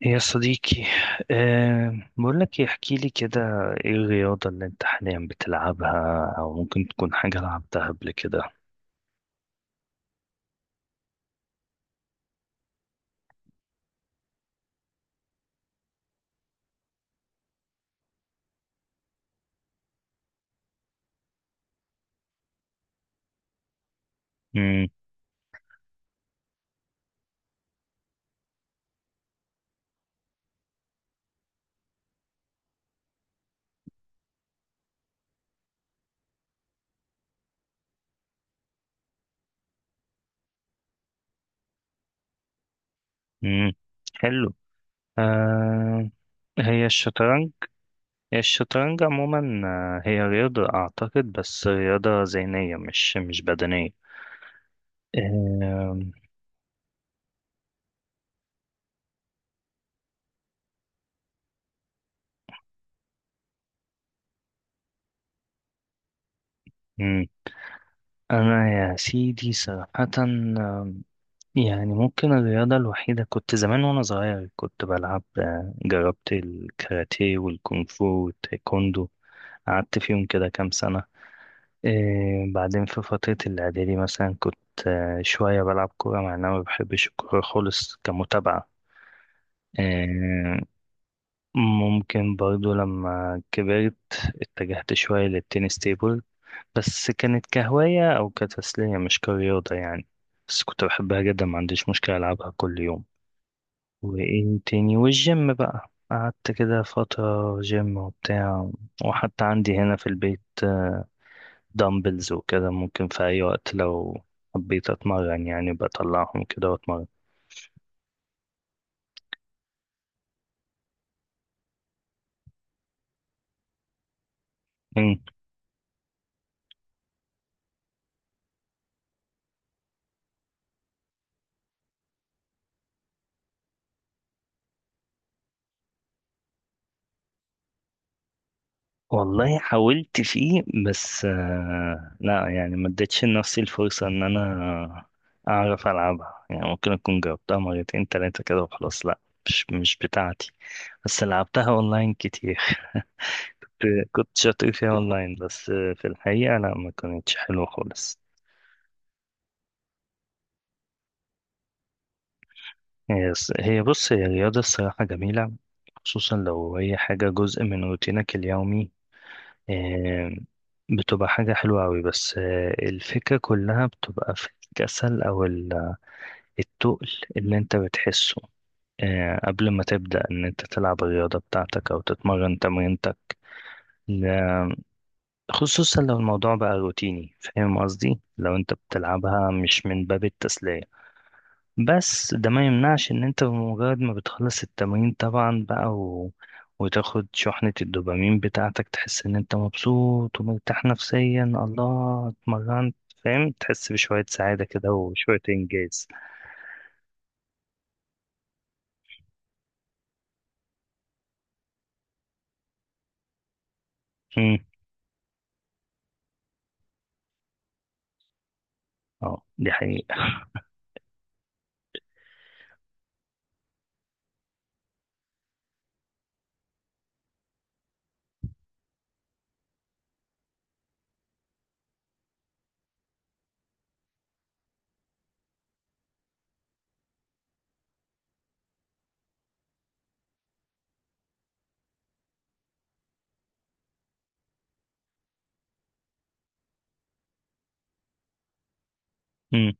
يا صديقي، بقول لك احكي لي كده، ايه الرياضة اللي انت حاليا بتلعبها او ممكن تكون حاجة لعبتها قبل كده؟ امم. امم. حلو. أه. هي الشطرنج. هي الشطرنج عموما، هي رياضة اعتقد، بس رياضة ذهنية مش بدنية. أه. أمم. انا يا سيدي صراحة، آه، يعني ممكن الرياضة الوحيدة، كنت زمان وأنا صغير كنت بلعب، جربت الكاراتيه والكونغ فو والتايكوندو. قعدت فيهم كده كام سنة. بعدين في فترة الإعدادي مثلا كنت، شوية بلعب كورة، مع إن أنا ما بحبش الكورة خالص كمتابعة. آه، ممكن برضو لما كبرت اتجهت شوية للتنس تيبل. بس كانت كهواية أو كتسلية، مش كرياضة يعني. بس كنت بحبها جدا، ما عنديش مشكلة ألعبها كل يوم. وايه تاني، والجيم بقى قعدت كده فترة، جيم وبتاع. وحتى عندي هنا في البيت دمبلز وكده. ممكن في أي وقت لو حبيت أتمرن يعني بطلعهم كده وأتمرن. مم. والله حاولت فيه بس لا، يعني ما اديتش لنفسي الفرصة إن أنا أعرف ألعبها، يعني ممكن أكون جربتها مرتين تلاتة كده وخلاص. لا، مش بتاعتي. بس لعبتها أونلاين كتير. كنت كنت شاطر فيها اونلاين. بس في الحقيقة لا، ما كانتش حلوة خالص. هي هي بص، هي رياضة الصراحة جميلة، خصوصا لو هي حاجة جزء من روتينك اليومي. آه، بتبقى حاجة حلوة أوي، بس الفكرة كلها بتبقى في الكسل أو التقل اللي أنت بتحسه، قبل ما تبدأ إن أنت تلعب الرياضة بتاعتك أو تتمرن تمرينتك. لا- خصوصا لو الموضوع بقى روتيني، فاهم قصدي؟ لو أنت بتلعبها مش من باب التسلية. بس ده ما يمنعش ان انت بمجرد ما بتخلص التمرين طبعا بقى وتاخد شحنة الدوبامين بتاعتك، تحس ان انت مبسوط ومرتاح نفسيا، الله اتمرنت، فاهم؟ تحس بشوية سعادة كده وشوية انجاز. امم. اه، دي حقيقة. امم.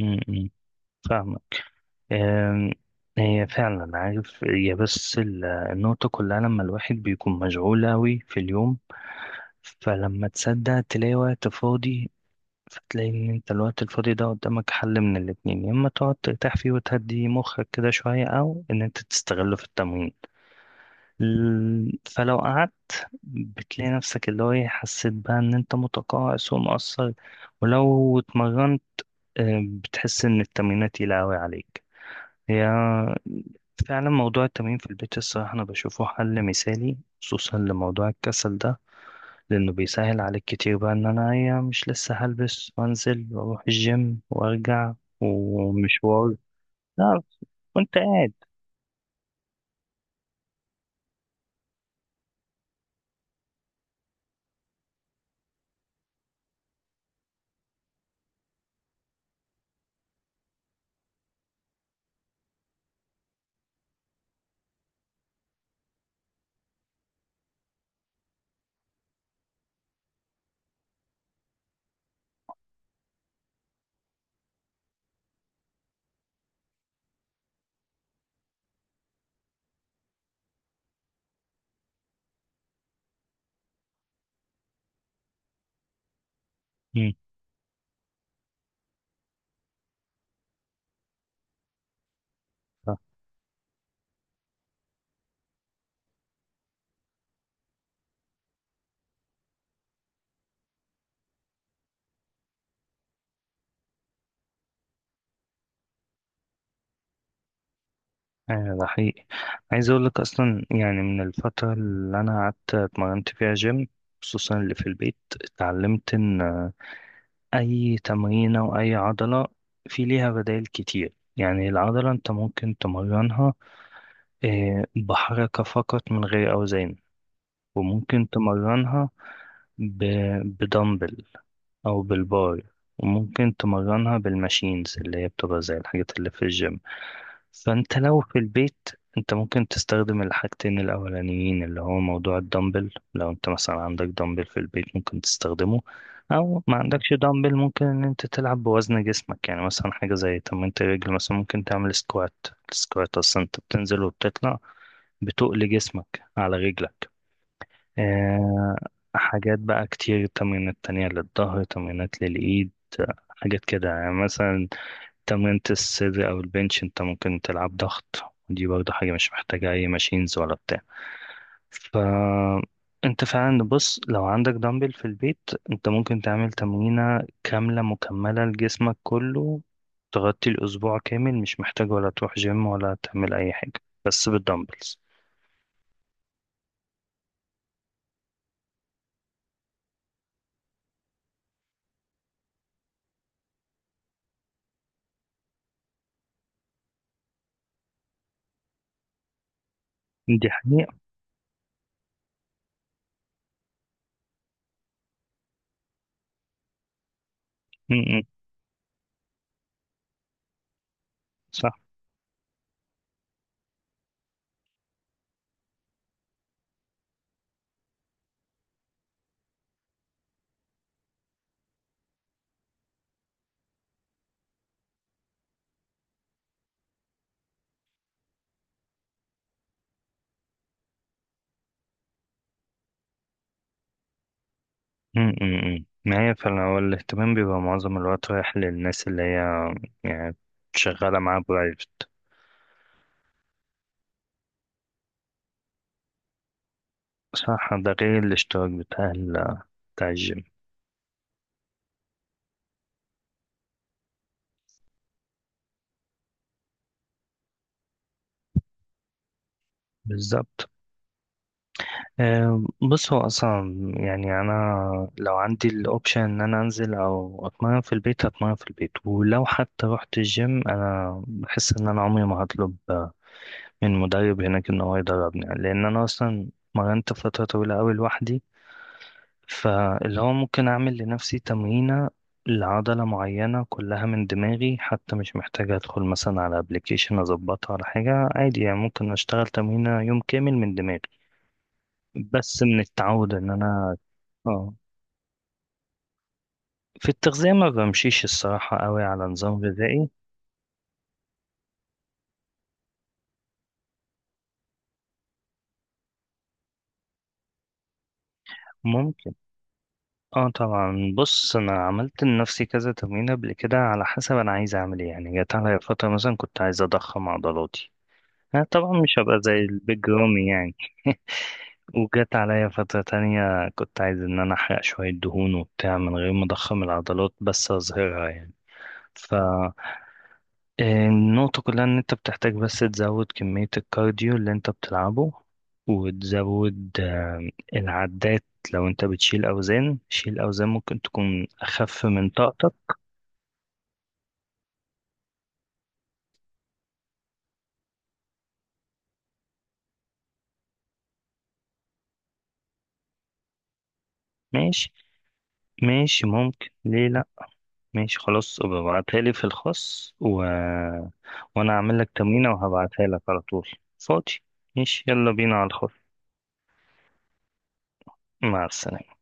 امم. أمم. فاهمة. أم، هي فعلا، عارف، هي بس النقطة كلها لما الواحد بيكون مشغول أوي في اليوم. فلما تصدق تلاقي وقت فاضي، فتلاقي ان انت الوقت الفاضي ده قدامك حل من الاتنين: يا اما تقعد ترتاح فيه وتهدي مخك كده شوية، او ان انت تستغله في التمرين. فلو قعدت، بتلاقي نفسك اللي هو ايه، حسيت بقى ان انت متقاعس ومقصر. ولو اتمرنت، بتحس ان التمرينات تقيلة اوي عليك. هي فعلا موضوع التمرين في البيت، الصراحة انا بشوفه حل مثالي، خصوصا لموضوع الكسل ده، لأنه بيسهل عليك كتير بقى إن أنا إيه، مش لسه هلبس وأنزل وأروح الجيم وأرجع ومشوار. لا، وأنت قاعد. مم. صح. ده حقيقي. عايز أقول لك، أصلا يعني من الفترة اللي أنا قعدت اتمرنت فيها جيم، خصوصا اللي في البيت، اتعلمت إن أي تمرينة وأي عضلة في ليها بدائل كتير. يعني العضلة أنت ممكن تمرنها بحركة فقط من غير أوزان، وممكن تمرنها ب... بدمبل أو بالبار، وممكن تمرنها بالماشينز اللي هي بتبقى زي الحاجات اللي في الجيم. فأنت لو في البيت، أنت ممكن تستخدم الحاجتين الأولانيين، اللي هو موضوع الدمبل. لو أنت مثلا عندك دمبل في البيت ممكن تستخدمه، أو ما عندكش دمبل ممكن إن أنت تلعب بوزن جسمك. يعني مثلا حاجة زي تمرينة الرجل، مثلا ممكن تعمل سكوات. السكوات أصلا أنت بتنزل وبتطلع، بتقل جسمك على رجلك. آه، حاجات بقى كتير، تمرينات تانية للظهر، تمرينات للإيد، حاجات كده. يعني مثلا تمرينة الصدر أو البنش أنت ممكن تلعب ضغط، ودي برضه حاجة مش محتاجة أي ماشينز ولا بتاع. ف أنت فعلا، بص، لو عندك دمبل في البيت أنت ممكن تعمل تمرينة كاملة مكملة لجسمك كله، تغطي الأسبوع كامل، مش محتاج ولا تروح جيم ولا تعمل أي حاجة، بس بالدمبلز. دي حقيقة. م- م، صح. أمم. أمم. ما هي فعلا، هو الاهتمام بيبقى معظم الوقت رايح للناس اللي هي يعني شغالة معاه برايفت. صح، ده غير الاشتراك بتاع بتاع الجيم. بالظبط. بص هو أصلا يعني أنا لو عندي الأوبشن إن أنا أنزل أو أتمرن في البيت هتمرن في البيت. ولو حتى رحت الجيم أنا بحس إن أنا عمري ما هطلب من مدرب هناك إن هو يدربني، لأن أنا أصلا اتمرنت فترة طويلة أوي لوحدي. فاللي هو ممكن أعمل لنفسي تمرينة لعضلة معينة كلها من دماغي، حتى مش محتاجة أدخل مثلا على أبليكيشن أظبطها على حاجة، عادي يعني ممكن أشتغل تمرينة يوم كامل من دماغي. بس من التعود إن أنا اه في التغذية ما بمشيش الصراحة قوي على نظام غذائي. ممكن. اه طبعا بص انا عملت لنفسي كذا تمرين قبل كده، على حسب انا عايز اعمل ايه. يعني جت عليا فترة مثلا كنت عايز اضخم عضلاتي، انا طبعا مش هبقى زي البيج رامي يعني. وجت عليا فترة تانية كنت عايز إن أنا أحرق شوية دهون وبتاع، من غير ما أضخم العضلات بس أظهرها يعني. فالنقطة كلها إن أنت بتحتاج بس تزود كمية الكارديو اللي أنت بتلعبه، وتزود العدات. لو أنت بتشيل أوزان، شيل أوزان ممكن تكون أخف من طاقتك. ماشي. ماشي، ممكن ليه. ماشي خلاص، ابقى ابعتها لي في الخاص وانا هعمل لك تمرينة وهبعتها لك على طول. فاضي. ماشي، يلا بينا على الخاص. مع السلامة.